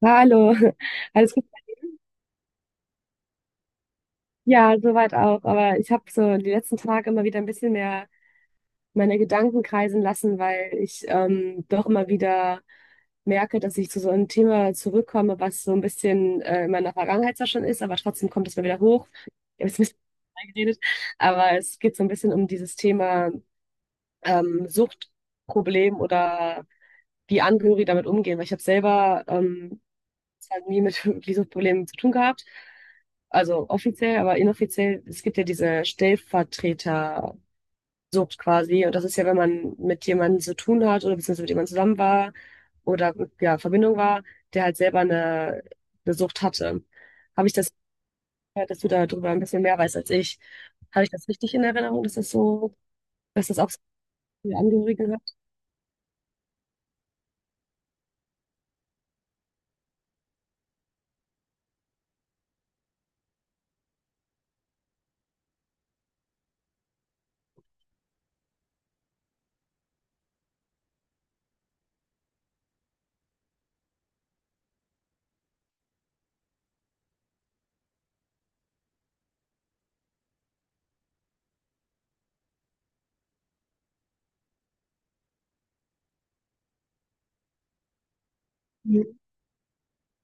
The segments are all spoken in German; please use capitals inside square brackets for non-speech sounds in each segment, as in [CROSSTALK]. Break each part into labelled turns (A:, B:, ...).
A: Ja, hallo, [LAUGHS] alles gut? Ja, soweit auch. Aber ich habe so die letzten Tage immer wieder ein bisschen mehr meine Gedanken kreisen lassen, weil ich doch immer wieder merke, dass ich zu so einem Thema zurückkomme, was so ein bisschen in meiner Vergangenheit zwar schon ist, aber trotzdem kommt es mir wieder hoch. Ich habe jetzt ein bisschen [LAUGHS] reingeredet, aber es geht so ein bisschen um dieses Thema Suchtproblem oder wie Angehörige damit umgehen, weil ich habe selber es hat nie mit [LAUGHS] Visumproblemen zu tun gehabt. Also offiziell, aber inoffiziell, es gibt ja diese Stellvertretersucht quasi. Und das ist ja, wenn man mit jemandem zu tun hat oder beziehungsweise mit jemandem zusammen war oder ja, Verbindung war, der halt selber eine Sucht hatte. Habe ich das gehört, dass du darüber ein bisschen mehr weißt als ich? Habe ich das richtig in Erinnerung, dass das so, dass das auch so viele Angehörige hat?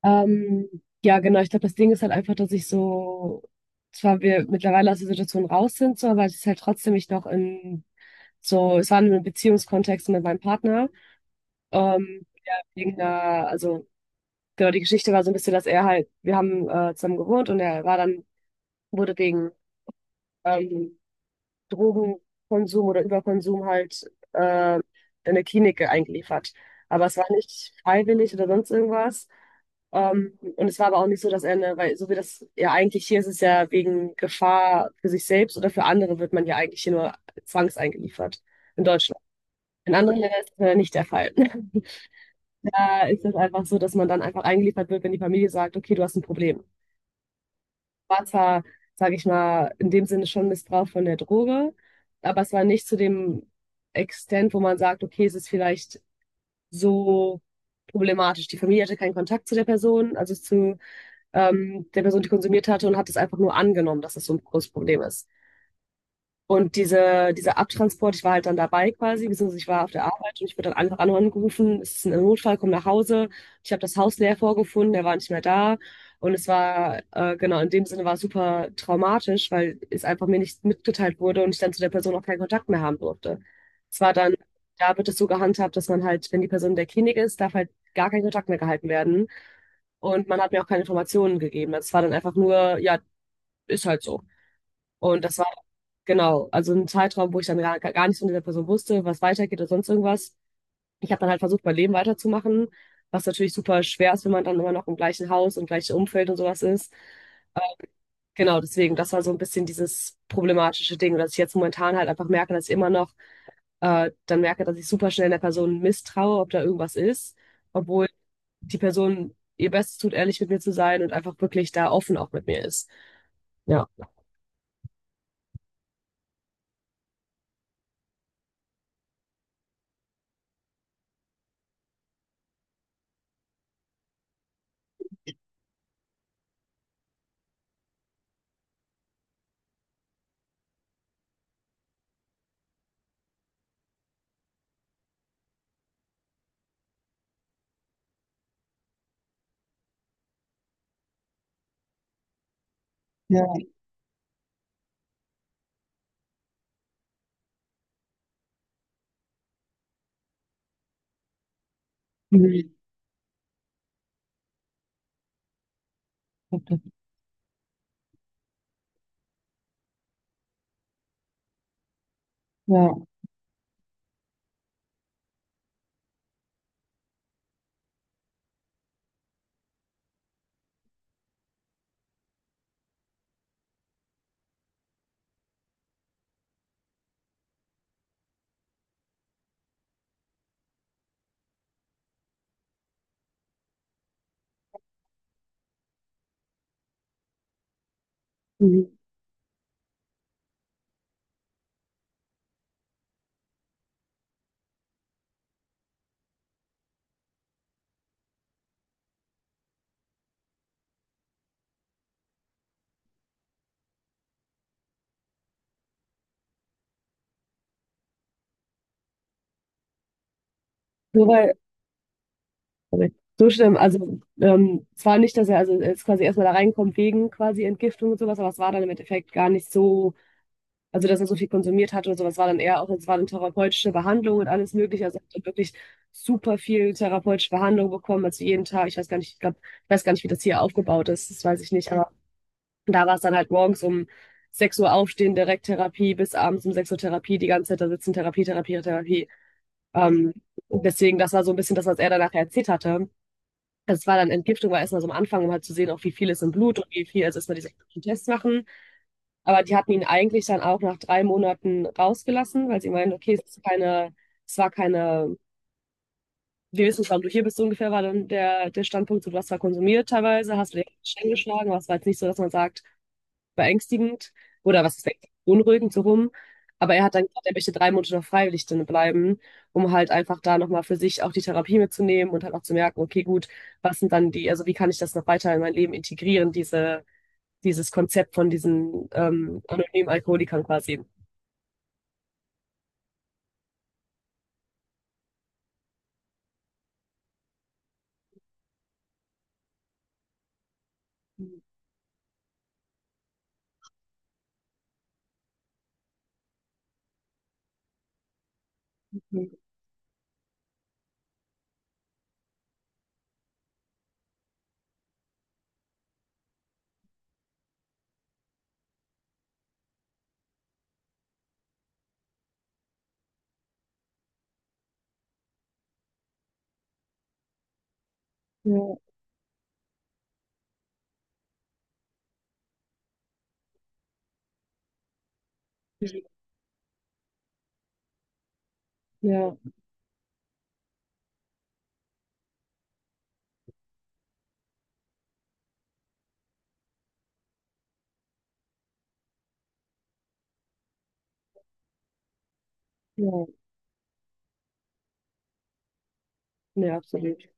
A: Ja, genau. Ich glaube, das Ding ist halt einfach, dass ich so, zwar wir mittlerweile aus der Situation raus sind, so, aber es ist halt trotzdem ich noch in, so, es war in einem Beziehungskontext mit meinem Partner. Ja, wegen einer, also, genau, die Geschichte war so ein bisschen, dass er halt, wir haben zusammen gewohnt und er war dann, wurde wegen, ähm, Drogenkonsum oder Überkonsum halt in eine Klinik eingeliefert. Aber es war nicht freiwillig oder sonst irgendwas. Und es war aber auch nicht so, dass er eine, weil so wie das ja eigentlich hier ist, es ja wegen Gefahr für sich selbst oder für andere wird man ja eigentlich hier nur zwangseingeliefert in Deutschland. In anderen Ländern ist das ja nicht der Fall. [LAUGHS] Da ist es einfach so, dass man dann einfach eingeliefert wird, wenn die Familie sagt, okay, du hast ein Problem war zwar, sage ich mal, in dem Sinne schon Missbrauch von der Droge, aber es war nicht zu dem Extent, wo man sagt, okay, es ist vielleicht so problematisch. Die Familie hatte keinen Kontakt zu der Person, also zu der Person, die konsumiert hatte und hat es einfach nur angenommen, dass es so ein großes Problem ist. Und dieser Abtransport, ich war halt dann dabei quasi, beziehungsweise ich war auf der Arbeit und ich wurde dann einfach angerufen, es ist ein Notfall, komm nach Hause. Ich habe das Haus leer vorgefunden, der war nicht mehr da. Und es war, genau, in dem Sinne war es super traumatisch, weil es einfach mir nicht mitgeteilt wurde und ich dann zu der Person auch keinen Kontakt mehr haben durfte. Es war dann, da wird es so gehandhabt, dass man halt, wenn die Person in der Klinik ist, darf halt gar kein Kontakt mehr gehalten werden. Und man hat mir auch keine Informationen gegeben. Das war dann einfach nur, ja, ist halt so. Und das war genau, also ein Zeitraum, wo ich dann gar nichts von dieser Person wusste, was weitergeht oder sonst irgendwas. Ich habe dann halt versucht, mein Leben weiterzumachen, was natürlich super schwer ist, wenn man dann immer noch im gleichen Haus und gleichen Umfeld und sowas ist. Ähm, Genau, deswegen, das war so ein bisschen dieses problematische Ding, dass ich jetzt momentan halt einfach merke, dass ich immer noch dann merke, dass ich super schnell der Person misstraue, ob da irgendwas ist, obwohl die Person ihr Bestes tut, ehrlich mit mir zu sein und einfach wirklich da offen auch mit mir ist. Ja. Ja, mhm, ja. So, okay. So schlimm. Also zwar nicht, dass er also er quasi erstmal da reinkommt wegen quasi Entgiftung und sowas, aber es war dann im Endeffekt gar nicht so, also dass er so viel konsumiert hat oder sowas, war dann eher auch, es war dann therapeutische Behandlung und alles Mögliche. Also er hat wirklich super viel therapeutische Behandlung bekommen, also jeden Tag, ich weiß gar nicht, ich glaube, ich weiß gar nicht, wie das hier aufgebaut ist, das weiß ich nicht, aber da war es dann halt morgens um 6 Uhr aufstehen, direkt Therapie, bis abends um 6 Uhr Therapie, die ganze Zeit da sitzen, Therapie, Therapie, Therapie. Ähm, deswegen, das war so ein bisschen das, was er danach erzählt hatte. Das war dann Entgiftung, war erstmal so am Anfang, um halt zu sehen, auch wie viel ist im Blut und wie viel, also erstmal diese Tests machen. Aber die hatten ihn eigentlich dann auch nach 3 Monaten rausgelassen, weil sie meinen, okay, es ist keine, es war keine, wir wissen nicht, warum du hier bist, so ungefähr war dann der Standpunkt, so, du hast zwar konsumiert teilweise, hast du dir Schäden geschlagen, aber es war jetzt nicht so, dass man sagt, beängstigend oder was ist beängstigend, beunruhigend so rum. Aber er hat dann gesagt, er möchte 3 Monate noch freiwillig drin bleiben, um halt einfach da nochmal für sich auch die Therapie mitzunehmen und halt auch zu merken, okay, gut, was sind dann die, also wie kann ich das noch weiter in mein Leben integrieren, diese, dieses Konzept von diesen anonymen Alkoholikern quasi. Ja, ja, ja, ja, absolut.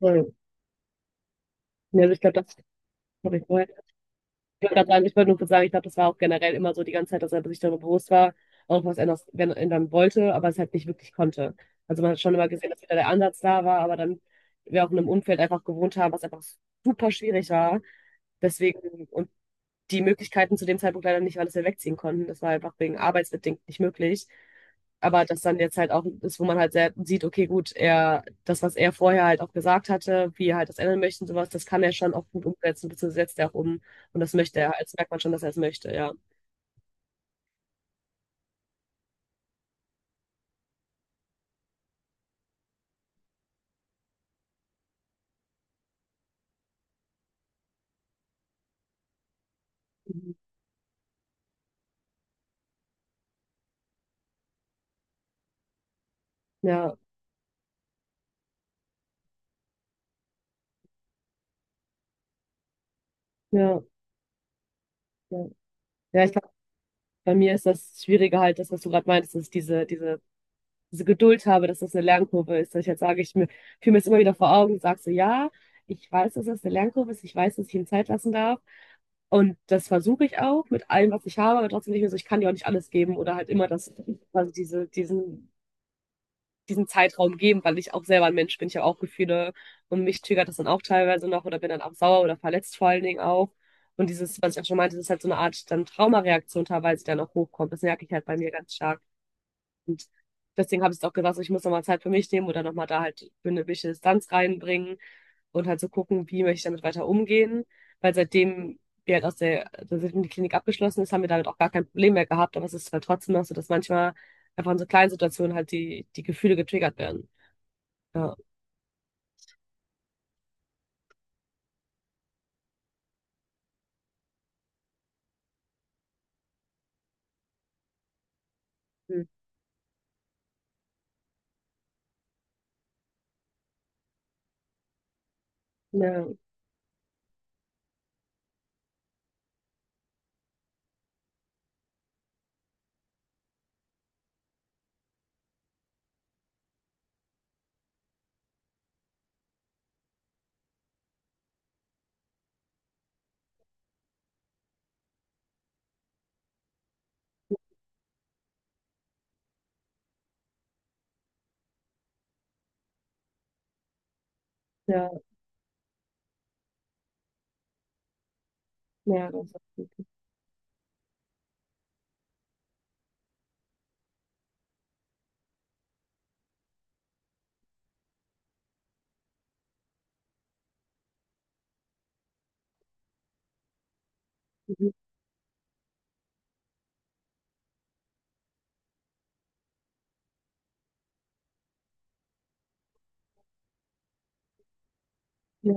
A: Voll. Ja, also ich glaube, das habe ich vorher. Ich wollte gerade sagen, ich wollte nur kurz sagen, ich glaube, das war auch generell immer so die ganze Zeit, dass er sich darüber bewusst war, auch was ändern, wenn, ändern wollte, aber es halt nicht wirklich konnte. Also man hat schon immer gesehen, dass wieder der Ansatz da war, aber dann wir auch in einem Umfeld einfach gewohnt haben, was einfach super schwierig war. Deswegen, und die Möglichkeiten zu dem Zeitpunkt leider nicht, weil es wir wegziehen konnten. Das war einfach wegen arbeitsbedingt nicht möglich. Aber das dann jetzt halt auch ist, wo man halt sehr sieht, okay, gut, er, das, was er vorher halt auch gesagt hatte, wie er halt das ändern möchte und sowas, das kann er schon auch gut umsetzen, beziehungsweise setzt er auch um. Und das möchte er. Das merkt man schon, dass er es möchte, ja. Mhm. Ja, ja, ja. Ja, ich glaube, bei mir ist das Schwierige halt, das, was du gerade meintest, dass ich diese Geduld habe, dass das eine Lernkurve ist. Dass ich jetzt sage, ich mir, fühle mir das immer wieder vor Augen und sage so, ja, ich weiß, dass das eine Lernkurve ist, ich weiß, dass ich ihm Zeit lassen darf. Und das versuche ich auch mit allem, was ich habe, aber trotzdem nicht mehr so, ich kann dir auch nicht alles geben oder halt immer das, also diesen Zeitraum geben, weil ich auch selber ein Mensch bin, ich habe auch Gefühle und mich triggert das dann auch teilweise noch oder bin dann auch sauer oder verletzt vor allen Dingen auch. Und dieses, was ich auch schon meinte, das ist halt so eine Art dann Traumareaktion teilweise, die dann auch hochkommt. Das merke ich halt bei mir ganz stark. Und deswegen habe ich es auch gesagt, so, ich muss nochmal Zeit für mich nehmen oder nochmal da halt für eine gewisse Distanz reinbringen und halt so gucken, wie möchte ich damit weiter umgehen. Weil seitdem wir halt aus der, seitdem die Klinik abgeschlossen ist, haben wir damit auch gar kein Problem mehr gehabt. Aber es ist halt trotzdem noch so, dass manchmal einfach in so kleinen Situationen halt die Gefühle getriggert werden. Ja. Mhm. Ja, ja, ja, das ist gut. Mhm. Ja,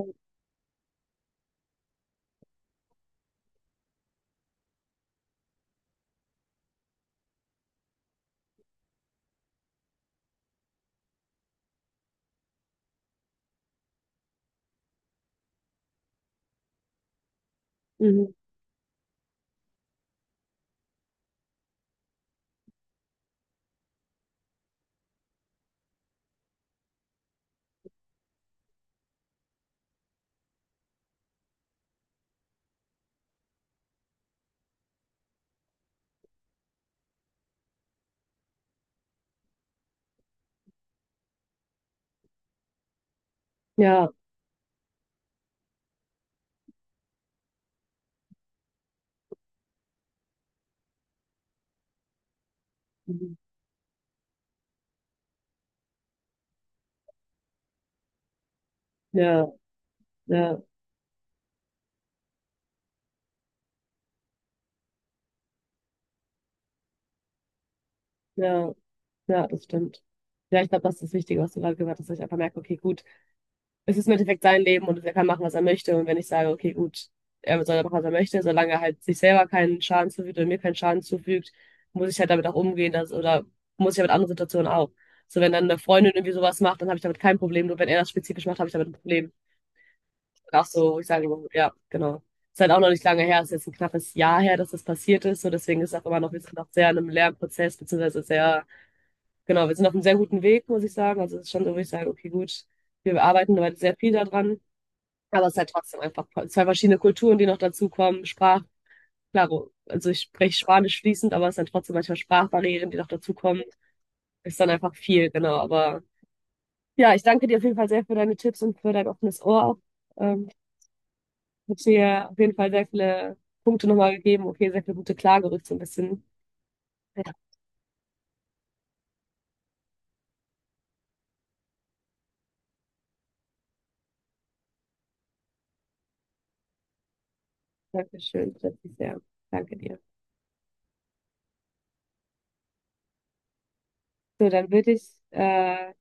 A: mhm. Ja, mhm, ja, ja, ja, ja, das stimmt. Ja, ich glaube, das ist das Wichtige, was du gerade gesagt hast, dass ich einfach merke, okay, gut, es ist im Endeffekt sein Leben und er kann machen, was er möchte. Und wenn ich sage, okay, gut, er soll machen, was er möchte, solange er halt sich selber keinen Schaden zufügt oder mir keinen Schaden zufügt, muss ich halt damit auch umgehen, dass, oder muss ich ja mit anderen Situationen auch. So, wenn dann eine Freundin irgendwie sowas macht, dann habe ich damit kein Problem. Nur wenn er das spezifisch macht, habe ich damit ein Problem. Und auch so, wo ich sage, ja, genau. Ist halt auch noch nicht lange her, ist jetzt ein knappes Jahr her, dass das passiert ist. So, deswegen ist auch immer noch, wir sind noch sehr in einem Lernprozess, beziehungsweise sehr, genau, wir sind auf einem sehr guten Weg, muss ich sagen. Also es ist schon so, wo ich sage, okay, gut, wir arbeiten heute sehr viel daran, aber es ist halt trotzdem einfach zwei verschiedene Kulturen, die noch dazukommen. Sprach, klar, also ich spreche Spanisch fließend, aber es sind trotzdem manchmal Sprachbarrieren, die noch dazukommen. Ist dann einfach viel, genau. Aber ja, ich danke dir auf jeden Fall sehr für deine Tipps und für dein offenes Ohr auch. Ähm, hat mir auf jeden Fall sehr viele Punkte nochmal gegeben. Okay, sehr viele gute Klargerüchte so ein bisschen. Ja, danke schön. Das ist sehr. Danke dir. So, dann würde ich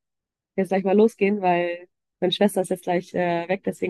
A: jetzt gleich mal losgehen, weil meine Schwester ist jetzt gleich weg, deswegen.